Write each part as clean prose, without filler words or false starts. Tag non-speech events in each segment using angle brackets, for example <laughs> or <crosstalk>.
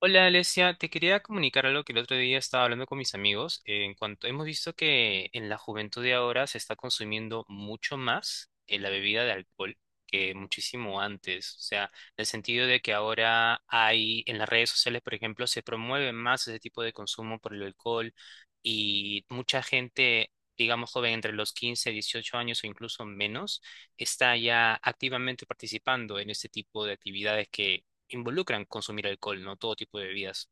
Hola Alesia, te quería comunicar algo que el otro día estaba hablando con mis amigos. En cuanto hemos visto que en la juventud de ahora se está consumiendo mucho más la bebida de alcohol que muchísimo antes. O sea, en el sentido de que ahora hay en las redes sociales, por ejemplo, se promueve más ese tipo de consumo por el alcohol y mucha gente, digamos joven entre los 15, 18 años o incluso menos, está ya activamente participando en este tipo de actividades que involucran consumir alcohol, ¿no? Todo tipo de bebidas.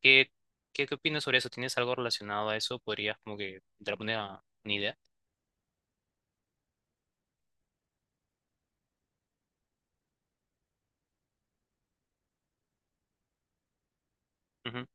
¿Qué, qué opinas sobre eso? ¿Tienes algo relacionado a eso? ¿Podrías como que dar una idea? Ujú.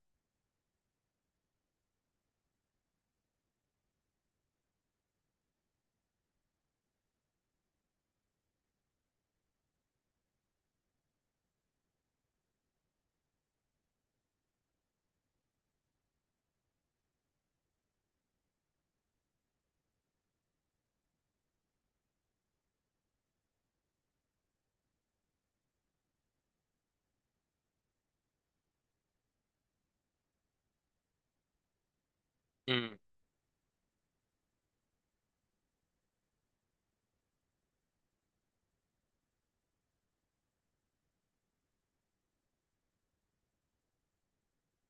Mm,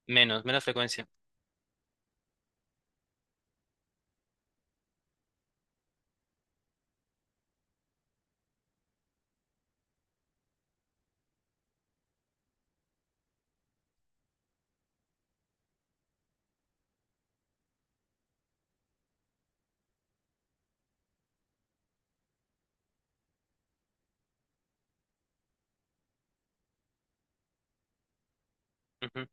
menos, menos frecuencia. Ujú,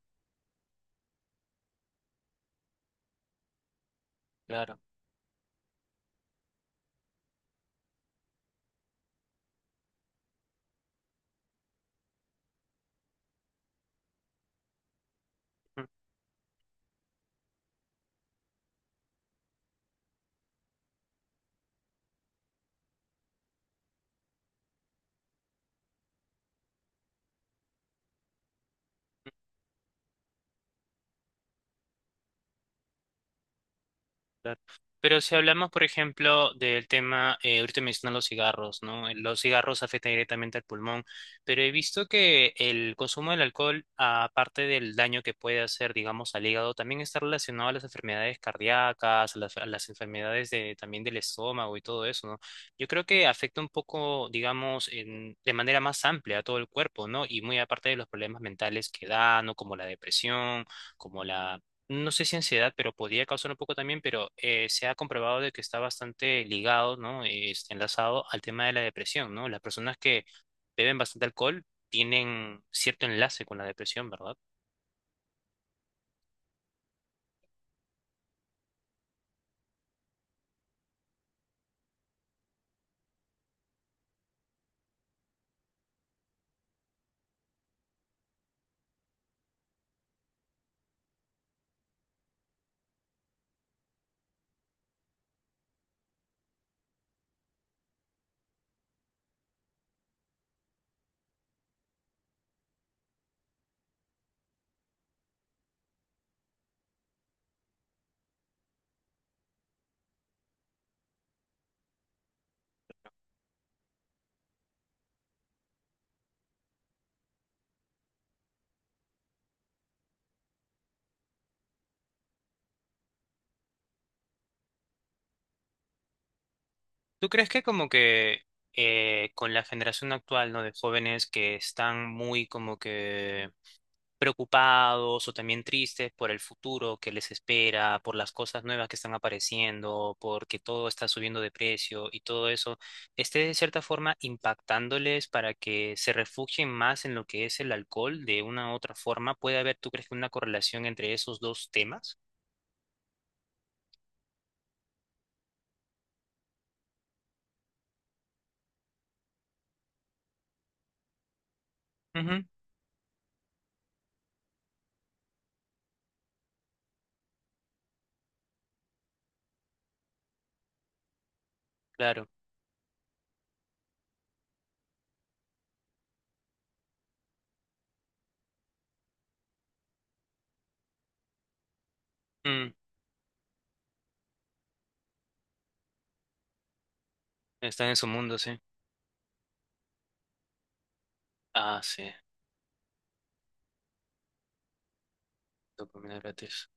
claro. Claro. Pero si hablamos, por ejemplo, del tema, ahorita mencionan los cigarros, ¿no? Los cigarros afectan directamente al pulmón, pero he visto que el consumo del alcohol, aparte del daño que puede hacer, digamos, al hígado, también está relacionado a las enfermedades cardíacas, a las enfermedades de, también del estómago y todo eso, ¿no? Yo creo que afecta un poco, digamos, de manera más amplia a todo el cuerpo, ¿no? Y muy aparte de los problemas mentales que dan, ¿no? Como la depresión, como la no sé si ansiedad, pero podría causar un poco también, pero se ha comprobado de que está bastante ligado, ¿no? Enlazado al tema de la depresión, ¿no? Las personas que beben bastante alcohol tienen cierto enlace con la depresión, ¿verdad? ¿Tú crees que como que con la generación actual, ¿no? De jóvenes que están muy como que preocupados o también tristes por el futuro que les espera, por las cosas nuevas que están apareciendo, porque todo está subiendo de precio y todo eso, esté de cierta forma impactándoles para que se refugien más en lo que es el alcohol de una u otra forma. ¿Tú crees que una correlación entre esos dos temas? Ujú, Claro. Mm, están en su mundo, sí. Ah, sí. Dopamina gratis.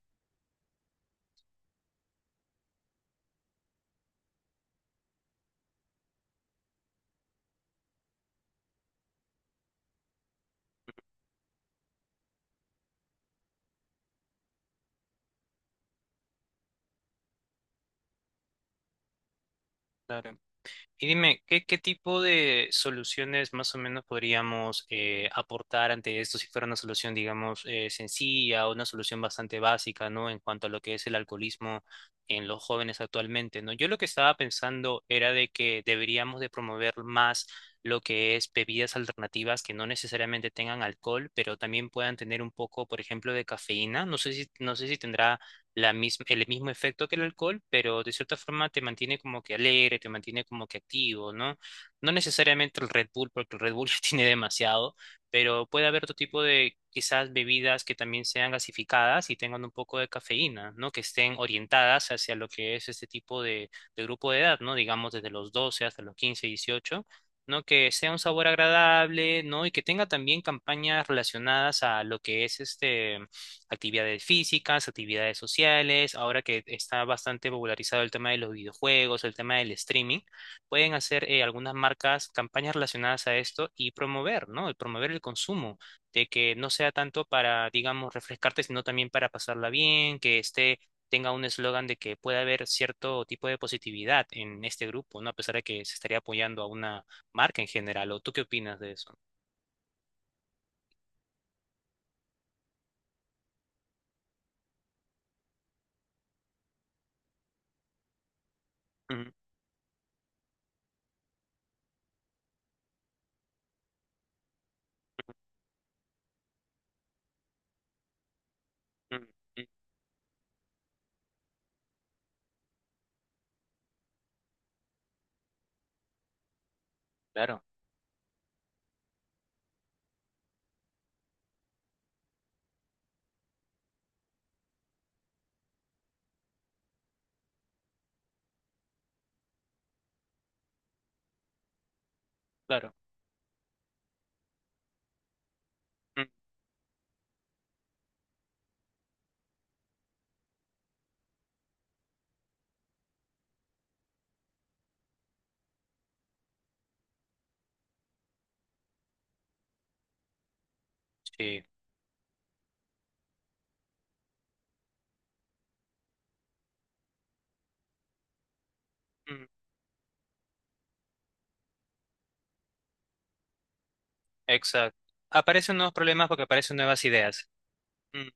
Claro. Y dime, ¿qué tipo de soluciones más o menos podríamos aportar ante esto si fuera una solución, digamos, sencilla o una solución bastante básica, ¿no? En cuanto a lo que es el alcoholismo en los jóvenes actualmente, ¿no? Yo lo que estaba pensando era de que deberíamos de promover más lo que es bebidas alternativas que no necesariamente tengan alcohol, pero también puedan tener un poco, por ejemplo, de cafeína. No sé si tendrá el mismo efecto que el alcohol, pero de cierta forma te mantiene como que alegre, te mantiene como que activo, ¿no? No necesariamente el Red Bull, porque el Red Bull <laughs> ya tiene demasiado, pero puede haber otro tipo de quizás bebidas que también sean gasificadas y tengan un poco de cafeína, ¿no? Que estén orientadas hacia lo que es este tipo de, grupo de edad, ¿no? Digamos desde los 12 hasta los 15 18 ¿no? Que sea un sabor agradable, ¿no? Y que tenga también campañas relacionadas a lo que es este, actividades físicas, actividades sociales, ahora que está bastante popularizado el tema de los videojuegos, el tema del streaming, pueden hacer algunas marcas campañas relacionadas a esto y promover, ¿no? El promover el consumo, de que no sea tanto para, digamos, refrescarte, sino también para pasarla bien, que este tenga un eslogan de que pueda haber cierto tipo de positividad en este grupo, ¿no? A pesar de que se estaría apoyando a una marca en general. ¿O tú qué opinas de eso? Mm, mm, mm, Claro, claro. Mm, Sí. Exacto. Aparecen nuevos problemas porque aparecen nuevas ideas. Mm.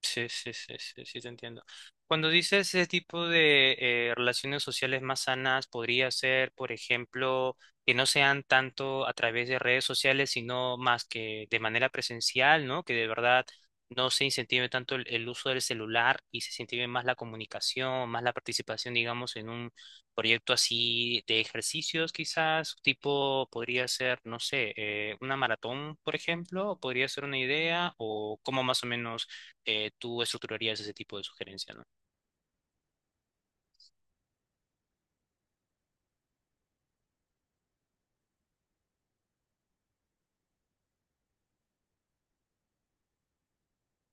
Sí, sí, sí, sí, sí, te entiendo. Cuando dices ese tipo de relaciones sociales más sanas, podría ser, por ejemplo, que no sean tanto a través de redes sociales, sino más que de manera presencial, ¿no? Que de verdad no se incentive tanto el uso del celular y se incentive más la comunicación, más la participación, digamos, en un proyecto así de ejercicios, quizás, tipo, podría ser, no sé, una maratón, por ejemplo, podría ser una idea, o cómo más o menos tú estructurarías ese tipo de sugerencia, ¿no?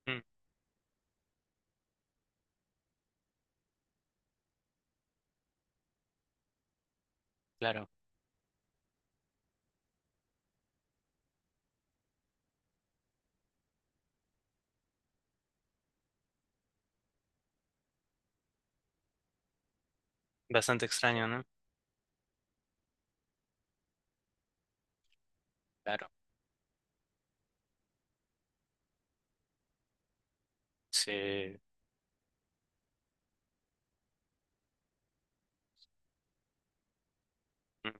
Mm, claro, bastante extraño, ¿no? Claro. Sí. Mm.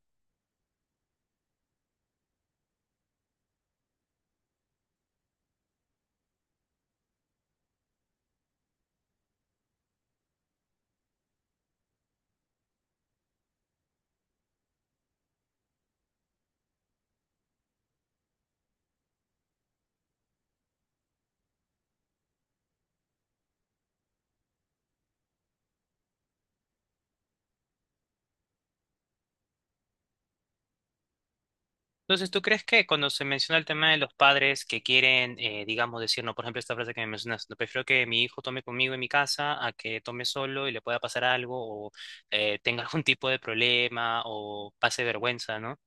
Entonces, ¿tú crees que cuando se menciona el tema de los padres que quieren, digamos, decir, no, por ejemplo, esta frase que me mencionas, no prefiero que mi hijo tome conmigo en mi casa a que tome solo y le pueda pasar algo o tenga <laughs> algún tipo de problema o pase vergüenza, ¿no?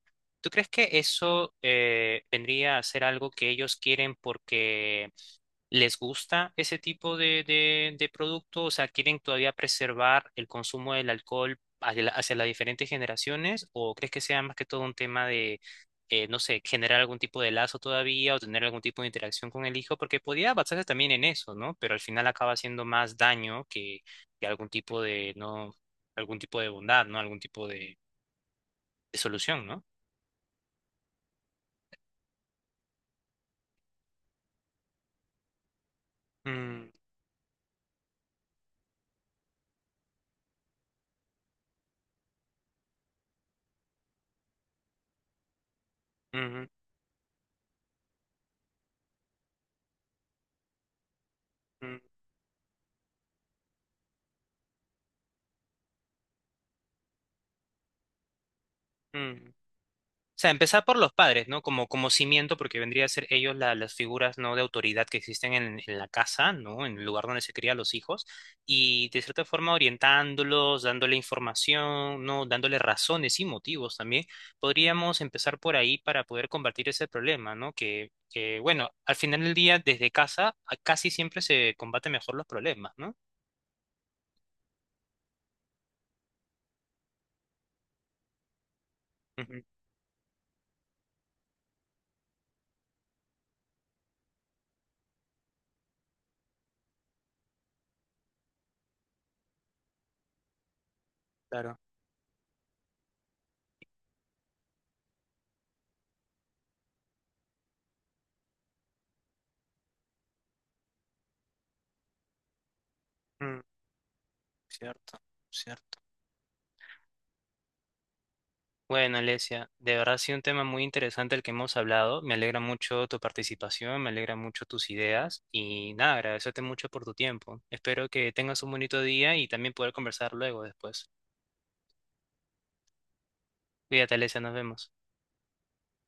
¿Tú crees que eso vendría a ser algo que ellos quieren porque ¿Les gusta ese tipo de, producto? O sea, ¿quieren todavía preservar el consumo del alcohol hacia, hacia las diferentes generaciones? ¿O crees que sea más que todo un tema de, no sé, generar algún tipo de lazo todavía o tener algún tipo de interacción con el hijo? Porque podía basarse también en eso, ¿no? Pero al final acaba haciendo más daño que algún tipo de, ¿no? Algún tipo de bondad, ¿no? Algún tipo de solución, ¿no? Mm, mm, mm, mm. O sea, empezar por los padres, ¿no? Como, como cimiento, porque vendría a ser ellos las figuras, ¿no? De autoridad que existen en la casa, ¿no? En el lugar donde se crían los hijos. Y de cierta forma orientándolos, dándole información, ¿no? Dándole razones y motivos también. Podríamos empezar por ahí para poder combatir ese problema, ¿no? Bueno, al final del día, desde casa, casi siempre se combaten mejor los problemas, ¿no? Ujú, Claro. Mm, cierto, cierto. Bueno, Alesia, de verdad ha sido un tema muy interesante el que hemos hablado. Me alegra mucho tu participación, me alegra mucho tus ideas y nada, agradecerte mucho por tu tiempo. Espero que tengas un bonito día y también poder conversar luego después. Cuídate, Alesia, nos vemos.